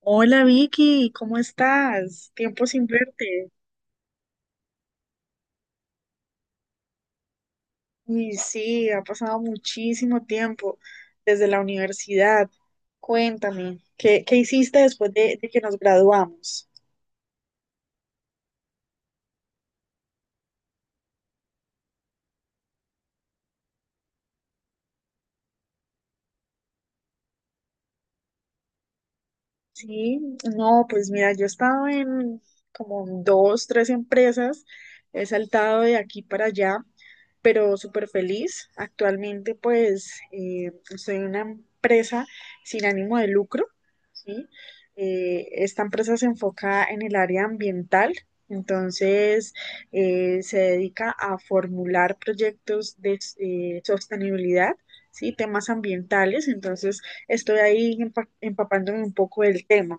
Hola Vicky, ¿cómo estás? Tiempo sin verte. Y sí, ha pasado muchísimo tiempo desde la universidad. Cuéntame, ¿qué hiciste después de que nos graduamos? Sí, no, pues mira, yo he estado en como dos, tres empresas, he saltado de aquí para allá, pero súper feliz. Actualmente, pues, soy una empresa sin ánimo de lucro, ¿sí? Esta empresa se enfoca en el área ambiental, entonces se dedica a formular proyectos de sostenibilidad, ¿sí? Temas ambientales, entonces estoy ahí empapándome un poco del tema.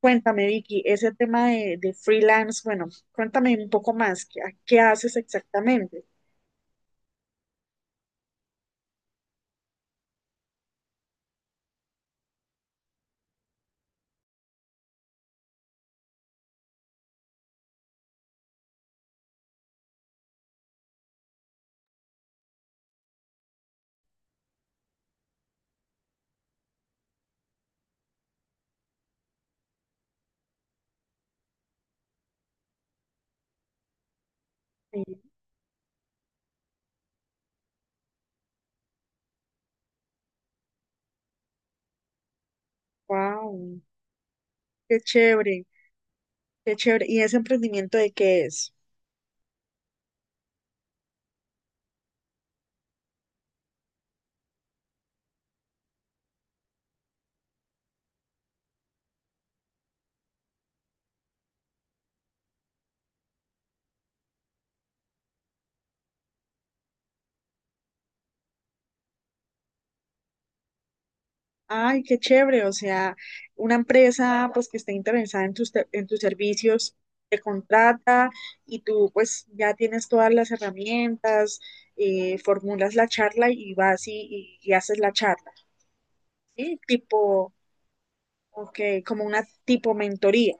Cuéntame, Vicky, ese tema de freelance, bueno, cuéntame un poco más, ¿qué haces exactamente? Wow, qué chévere, qué chévere. ¿Y ese emprendimiento de qué es? Ay, qué chévere, o sea, una empresa pues que esté interesada en en tus servicios te contrata y tú pues ya tienes todas las herramientas, formulas la charla y vas y haces la charla, ¿sí? Tipo Ok, como una tipo mentoría.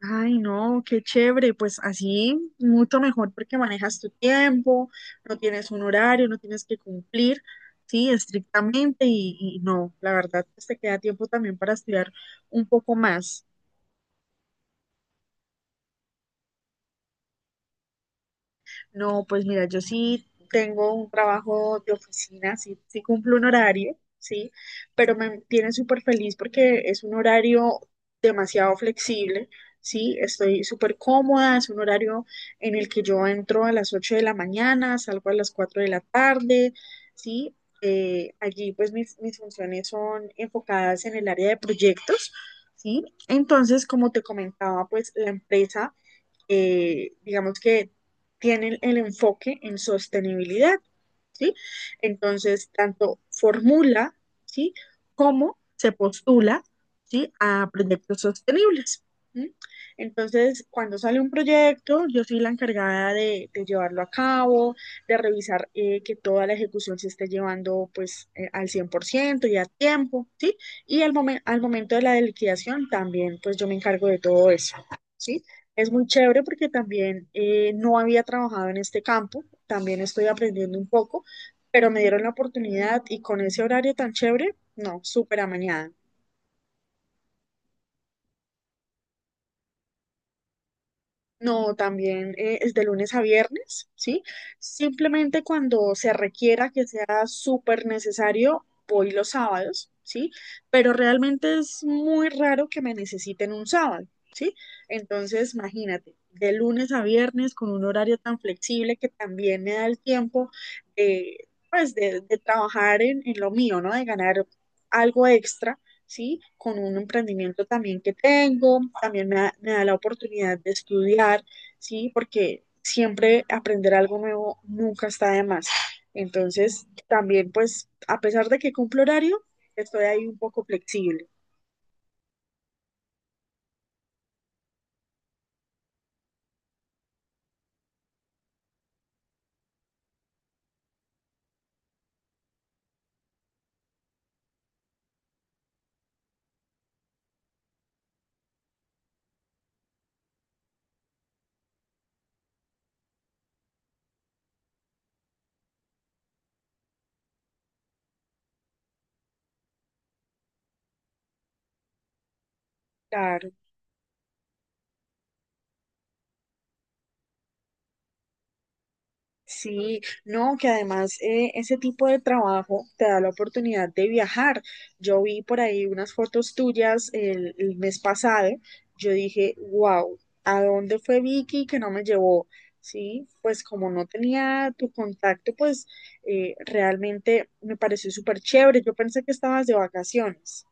Ay, no, qué chévere. Pues así, mucho mejor porque manejas tu tiempo, no tienes un horario, no tienes que cumplir, sí, estrictamente. Y no, la verdad, pues te queda tiempo también para estudiar un poco más. No, pues mira, yo sí tengo un trabajo de oficina, sí, sí cumplo un horario, sí, pero me tiene súper feliz porque es un horario demasiado flexible, sí, estoy súper cómoda, es un horario en el que yo entro a las 8 de la mañana, salgo a las 4 de la tarde, sí. Allí pues mis funciones son enfocadas en el área de proyectos, ¿sí? Entonces, como te comentaba, pues la empresa digamos que tienen el enfoque en sostenibilidad, ¿sí? Entonces, tanto formula, ¿sí? Como se postula, ¿sí? A proyectos sostenibles. ¿Sí? Entonces, cuando sale un proyecto, yo soy la encargada de llevarlo a cabo, de revisar que toda la ejecución se esté llevando pues al 100% y a tiempo, ¿sí? Y al momento de la liquidación también, pues yo me encargo de todo eso, ¿sí? Es muy chévere porque también no había trabajado en este campo, también estoy aprendiendo un poco, pero me dieron la oportunidad y con ese horario tan chévere, no, súper amañada. No, también es de lunes a viernes, ¿sí? Simplemente cuando se requiera que sea súper necesario, voy los sábados, ¿sí? Pero realmente es muy raro que me necesiten un sábado, ¿sí? Entonces, imagínate, de lunes a viernes con un horario tan flexible que también me da el tiempo de, pues, de trabajar en lo mío, ¿no? De ganar algo extra, ¿sí? Con un emprendimiento también que tengo, también me da la oportunidad de estudiar, ¿sí? Porque siempre aprender algo nuevo nunca está de más. Entonces, también pues, a pesar de que cumplo horario, estoy ahí un poco flexible. Claro. Sí, no, que además ese tipo de trabajo te da la oportunidad de viajar. Yo vi por ahí unas fotos tuyas el mes pasado. Yo dije, wow, ¿a dónde fue Vicky que no me llevó? Sí, pues como no tenía tu contacto, pues realmente me pareció súper chévere. Yo pensé que estabas de vacaciones.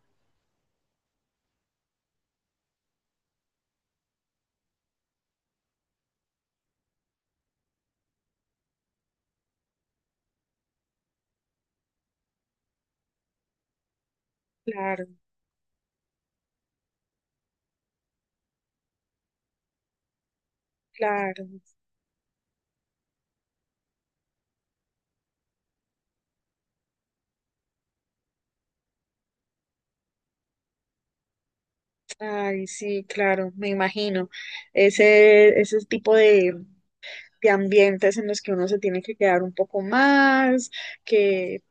Claro, claro. Ay, sí, claro, me imagino. Ese tipo de ambientes en los que uno se tiene que quedar un poco más, que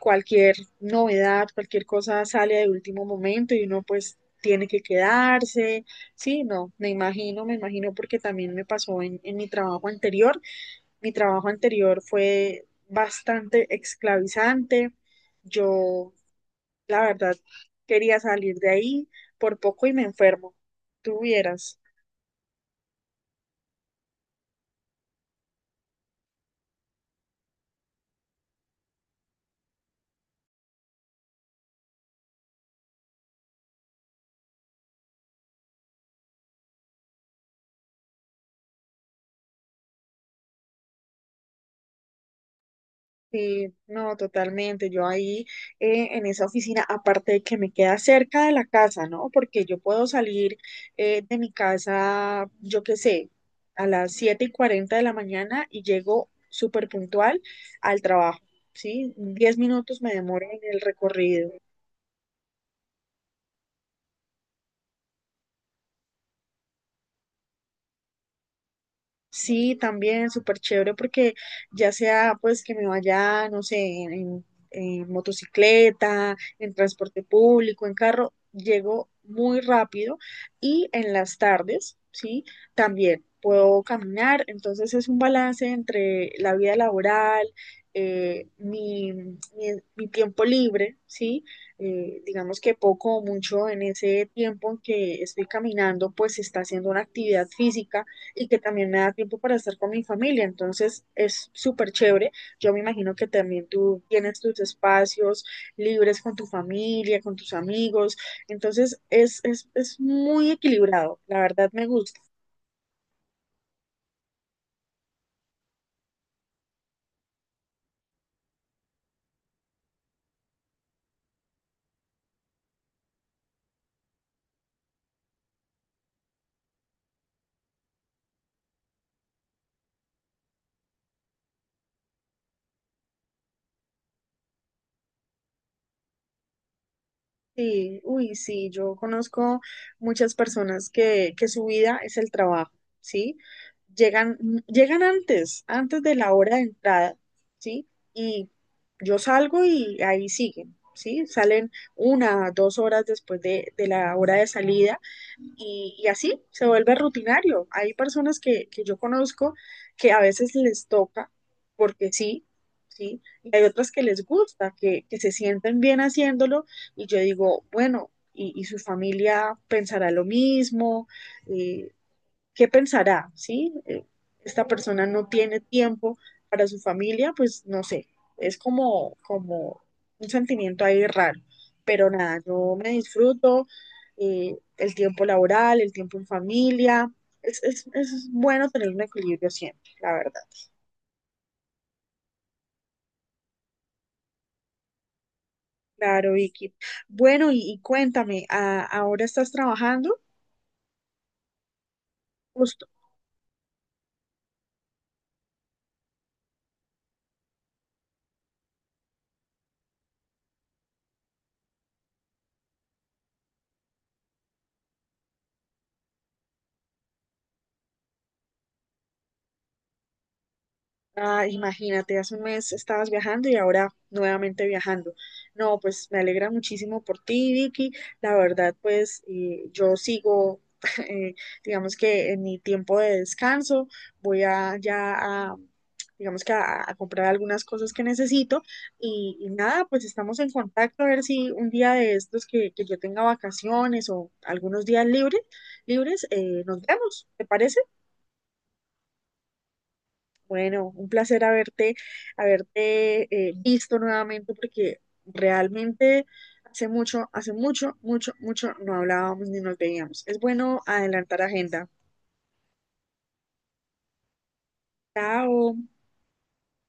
cualquier novedad, cualquier cosa sale de último momento y uno pues tiene que quedarse. Sí, no, me imagino porque también me pasó en mi trabajo anterior. Mi trabajo anterior fue bastante esclavizante. Yo, la verdad, quería salir de ahí por poco y me enfermo. Tuvieras. Sí, no, totalmente. Yo ahí en esa oficina, aparte de que me queda cerca de la casa, ¿no? Porque yo puedo salir de mi casa, yo qué sé, a las 7:40 de la mañana y llego súper puntual al trabajo, ¿sí? Diez minutos me demoro en el recorrido. Sí, también súper chévere porque ya sea pues que me vaya, no sé, motocicleta, en transporte público, en carro, llego muy rápido y en las tardes, sí, también puedo caminar. Entonces es un balance entre la vida laboral, eh, mi, mi, mi tiempo libre, sí. Digamos que poco o mucho en ese tiempo en que estoy caminando, pues se está haciendo una actividad física y que también me da tiempo para estar con mi familia. Entonces es súper chévere. Yo me imagino que también tú tienes tus espacios libres con tu familia, con tus amigos. Entonces es muy equilibrado. La verdad me gusta. Sí, uy, sí, yo conozco muchas personas que su vida es el trabajo, ¿sí? Llegan antes de la hora de entrada, ¿sí? Y yo salgo y ahí siguen, ¿sí? Salen una, dos horas después de la hora de salida y así se vuelve rutinario. Hay personas que yo conozco que a veces les toca, porque sí, sí, y hay otras que les gusta, que se sienten bien haciéndolo, y yo digo, bueno, y su familia pensará lo mismo, eh, ¿qué pensará? ¿Sí? Esta persona no tiene tiempo para su familia, pues no sé, es como, un sentimiento ahí raro, pero nada, yo me disfruto el tiempo laboral, el tiempo en familia, es bueno tener un equilibrio siempre, la verdad. Claro, Vicky. Bueno, y cuéntame, ¿ahora estás trabajando? Ah, imagínate, hace un mes estabas viajando y ahora nuevamente viajando. No, pues me alegra muchísimo por ti, Vicky. La verdad, pues yo sigo, eh, digamos que en mi tiempo de descanso, voy a ya a, digamos que a comprar algunas cosas que necesito y nada, pues estamos en contacto a ver si un día de estos que yo tenga vacaciones o algunos días libres, nos vemos, ¿te parece? Bueno, un placer haberte visto nuevamente porque realmente hace mucho, mucho, mucho no hablábamos ni nos veíamos. Es bueno adelantar agenda. Chao.